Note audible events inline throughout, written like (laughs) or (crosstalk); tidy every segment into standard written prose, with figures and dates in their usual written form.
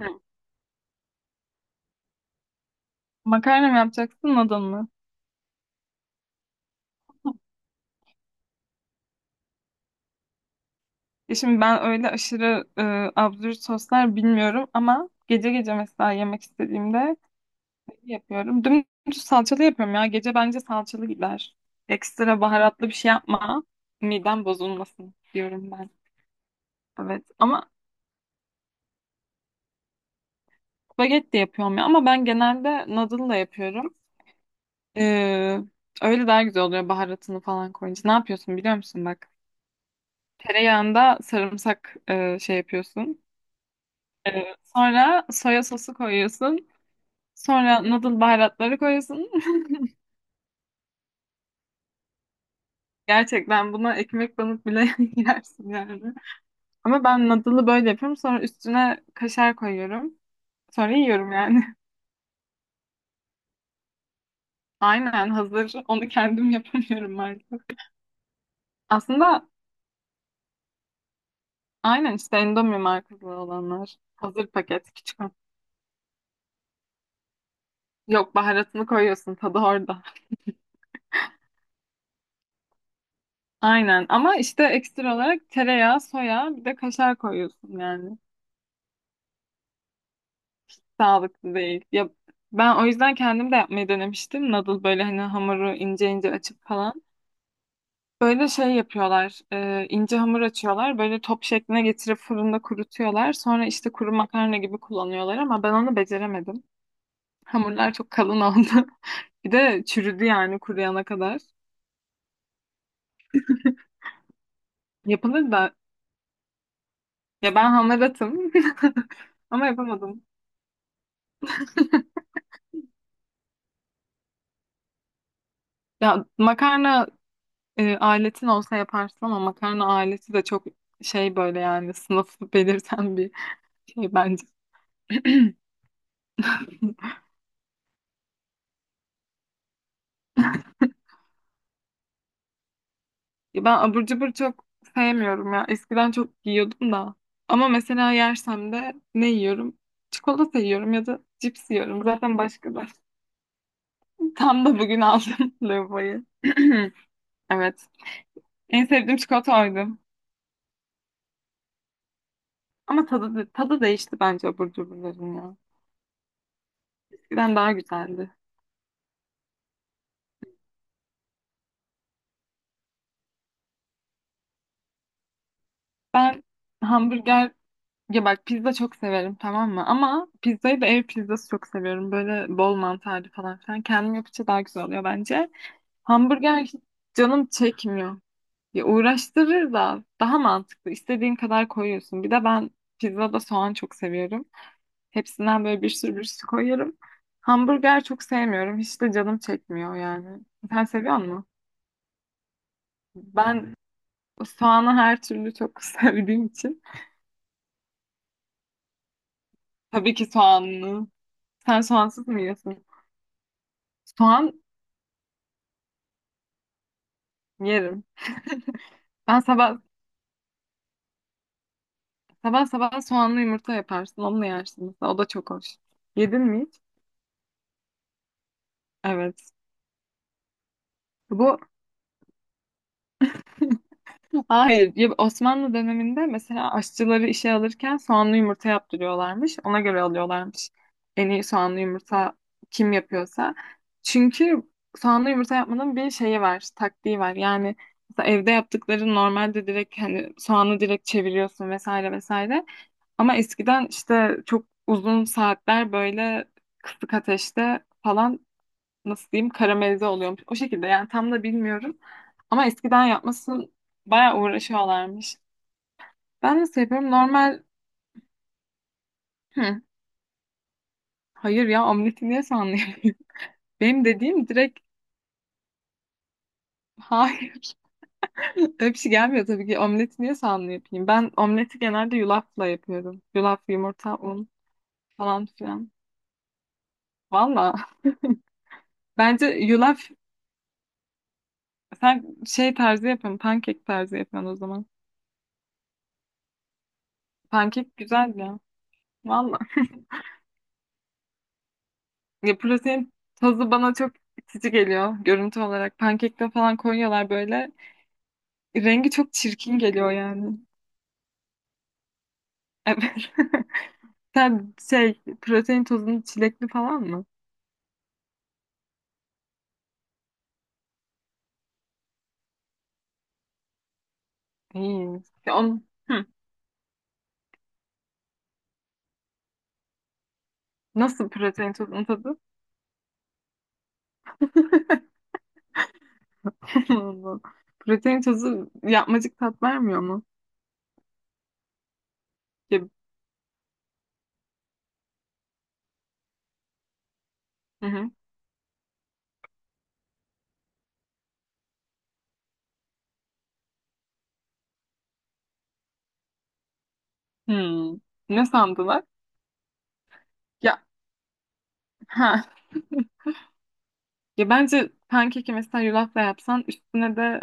Hı. Makarna mı yapacaksın, nadal mı? Ya şimdi ben öyle aşırı absürt soslar bilmiyorum ama gece gece mesela yemek istediğimde şey yapıyorum. Dümdüz salçalı yapıyorum ya. Gece bence salçalı gider. Ekstra baharatlı bir şey yapma. Midem bozulmasın diyorum ben. Evet ama spagetti de yapıyorum ya. Ama ben genelde nadal da yapıyorum. Ee, Öyle daha güzel oluyor baharatını falan koyunca. Ne yapıyorsun biliyor musun bak? Tereyağında sarımsak şey yapıyorsun. Sonra soya sosu koyuyorsun. Sonra noodle baharatları koyuyorsun. (laughs) Gerçekten buna ekmek banıp bile (laughs) yersin yani. Ama ben noodle'ı böyle yapıyorum. Sonra üstüne kaşar koyuyorum. Sonra yiyorum yani. (laughs) Aynen hazır. Onu kendim yapamıyorum artık. Aslında aynen işte Indomie markalı olanlar. Hazır paket küçük. Yok baharatını koyuyorsun tadı orada. Aynen ama işte ekstra olarak tereyağı, soya bir de kaşar koyuyorsun yani. Sağlıklı değil. Ya ben o yüzden kendim de yapmayı denemiştim. Noodle böyle hani hamuru ince ince açıp falan. Böyle şey yapıyorlar. İnce hamur açıyorlar. Böyle top şekline getirip fırında kurutuyorlar. Sonra işte kuru makarna gibi kullanıyorlar ama ben onu beceremedim. Hamurlar çok kalın oldu. (laughs) Bir de çürüdü yani kuruyana kadar. Yapılır da ya ben hamaratım. (laughs) Ama yapamadım. Ya makarna aletin olsa yaparsın ama makarna aleti de çok şey böyle yani sınıf belirten bir şey bence. (clears throat) Ya ben abur cubur çok sevmiyorum ya. Eskiden çok yiyordum da. Ama mesela yersem de ne yiyorum? Çikolata yiyorum ya da cips yiyorum. Zaten başka da. (laughs) Tam da bugün aldım (laughs) lavayı. (clears throat) Evet. En sevdiğim çikolata oydu. Ama tadı değişti bence abur cuburların ya. Eskiden daha güzeldi. Ben hamburger ya bak pizza çok severim tamam mı? Ama pizzayı da ev pizzası çok seviyorum. Böyle bol mantarlı falan filan. Kendim yapınca daha güzel oluyor bence. Hamburger hiç canım çekmiyor. Ya uğraştırır da daha mantıklı. İstediğin kadar koyuyorsun. Bir de ben pizzada soğan çok seviyorum. Hepsinden böyle bir sürü koyarım. Hamburger çok sevmiyorum. Hiç de canım çekmiyor yani. Sen seviyor musun? Ben soğanı her türlü çok (laughs) sevdiğim için. Tabii ki soğanlı. Sen soğansız mı yiyorsun? Soğan yerim. Ben sabah sabah Sabah soğanlı yumurta yaparsın. Onunla yersin mesela. O da çok hoş. Yedin mi hiç? Evet. Bu Hayır. Ya Osmanlı döneminde mesela aşçıları işe alırken soğanlı yumurta yaptırıyorlarmış. Ona göre alıyorlarmış. En iyi soğanlı yumurta kim yapıyorsa. Çünkü soğanlı yumurta yapmanın bir şeyi var, taktiği var. Yani mesela evde yaptıkları normalde direkt hani soğanı direkt çeviriyorsun vesaire vesaire. Ama eskiden işte çok uzun saatler böyle kısık ateşte falan nasıl diyeyim karamelize oluyormuş. O şekilde yani tam da bilmiyorum. Ama eskiden yapması bayağı uğraşıyorlarmış. Ben nasıl yapıyorum? Hı, hayır ya omleti niye sanlı. (laughs) Benim dediğim direkt hayır. (laughs) Öyle bir şey gelmiyor tabii ki. Omleti niye sanlı yapayım? Ben omleti genelde yulafla yapıyorum. Yulaf, yumurta, un falan filan. Valla. (laughs) Bence yulaf sen şey tarzı yapın. Pankek tarzı yapın o zaman. Pankek güzel ya. Valla. Ya pırasa'nın tazı bana çok itici geliyor görüntü olarak. Pankekte falan koyuyorlar böyle. Rengi çok çirkin geliyor yani. Evet. (laughs) Sen şey protein tozunu çilekli falan mı? İyi. Ya on, hı. Nasıl protein tozunun tadı? (laughs) Allah. Protein tozu yapmacık tat vermiyor mu? Ya, hı hı. Hmm. Ne sandılar? Ya (laughs) ha. Ya bence pankeki mesela yulafla yapsan üstüne de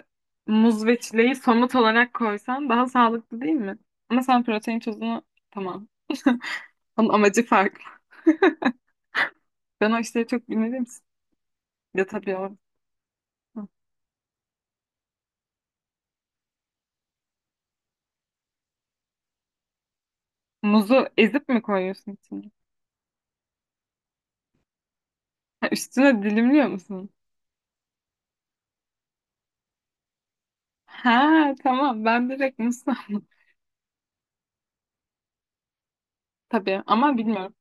muz ve çileği somut olarak koysan daha sağlıklı değil mi? Ama sen protein tozunu tamam. Onun amacı farklı. Ben o işleri çok bilmediğim için. Ya tabii o. Muzu ezip mi koyuyorsun içine? Ha, üstüne dilimliyor musun? Ha tamam ben direkt muz sandım. (laughs) Tabii ama bilmiyorum.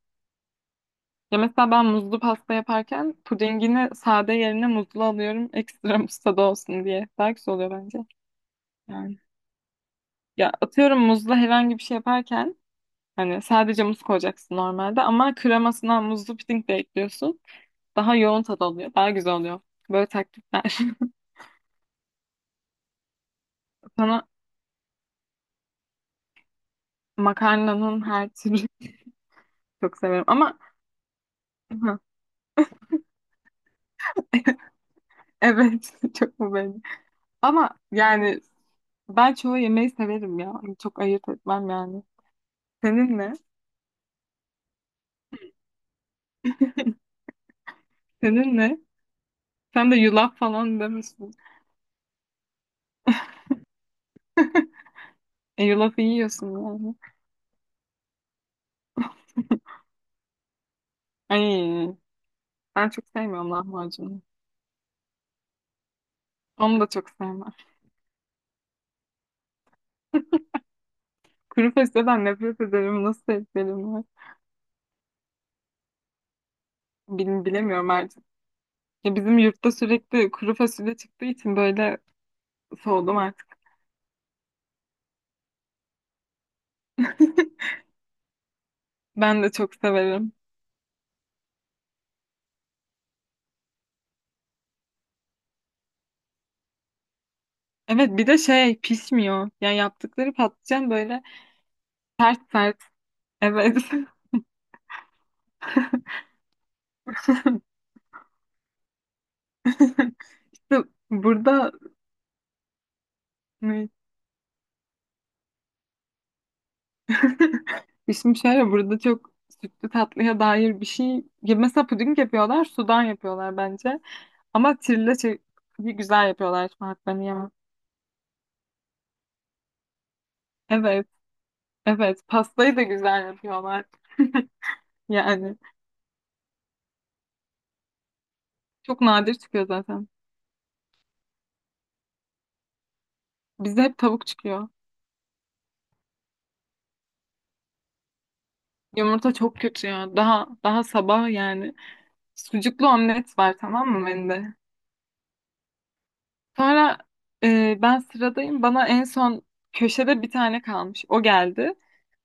Ya mesela ben muzlu pasta yaparken pudingini sade yerine muzlu alıyorum. Ekstra muz tadı olsun diye. Daha oluyor bence. Yani. Ya atıyorum muzla herhangi bir şey yaparken hani sadece muz koyacaksın normalde ama kremasına muzlu puding de ekliyorsun. Daha yoğun tad oluyor. Daha güzel oluyor. Böyle taktikler. (laughs) Sana makarnanın her türlü (laughs) çok severim ama (laughs) evet (laughs) çok mu beğendim. Ama yani ben çoğu yemeği severim ya. Hani çok ayırt etmem yani. Senin ne? Senin ne? Sen de yulaf falan demişsin. E, yulafı yiyorsun yani. Ay, ben çok sevmiyorum lahmacunu. Onu da çok sevmem. Kuru fasulyeden nefret ederim. Nasıl sevgilerim var? Bilemiyorum artık. Ya bizim yurtta sürekli kuru fasulye çıktığı için böyle soğudum artık. (laughs) Ben de çok severim. Evet bir de şey pişmiyor. Yani yaptıkları patlıcan böyle sert sert. Evet. (laughs) İşte burada ne- (laughs) Şimdi şöyle burada çok sütlü tatlıya dair bir şey. Ya mesela puding yapıyorlar, sudan yapıyorlar bence. Ama trileçeyi güzel yapıyorlar. Şimdi haklarını yemem. Evet. Evet, pastayı da güzel yapıyorlar. Yani çok nadir çıkıyor zaten. Bizde hep tavuk çıkıyor. Yumurta çok kötü ya. Daha sabah yani. Sucuklu omlet var tamam mı bende? Sonra ben sıradayım. Bana en son köşede bir tane kalmış. O geldi.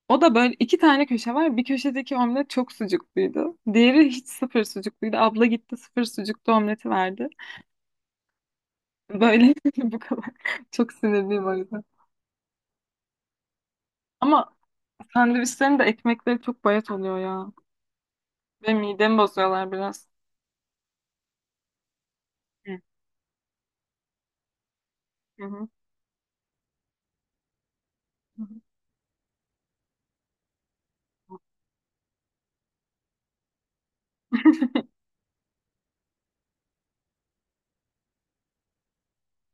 O da böyle iki tane köşe var. Bir köşedeki omlet çok sucukluydu. Diğeri hiç sıfır sucukluydu. Abla gitti sıfır sucuklu omleti verdi. Böyle (laughs) bu kadar. Çok sinirliyim o yüzden. Ama sandviçlerin de ekmekleri çok bayat oluyor ya. Ve midemi bozuyorlar biraz. Hı hı. Hı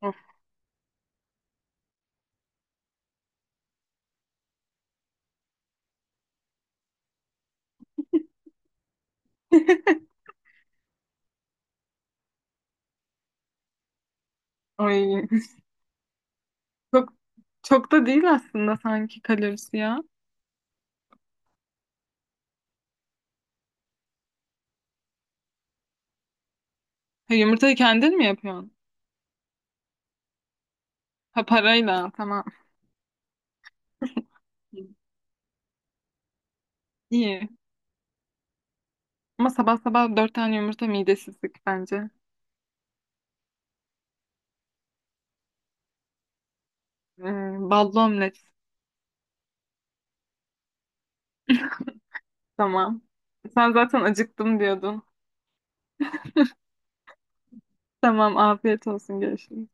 hı. (laughs) Ay, çok çok da değil aslında sanki kalorisi ya. Ha, yumurtayı kendin mi yapıyorsun? Ha parayla tamam. İyi. Ama sabah sabah dört tane yumurta midesizlik bence. Ee, Ballı omlet. Tamam. Sen zaten acıktım diyordun. Tamam afiyet olsun görüşürüz.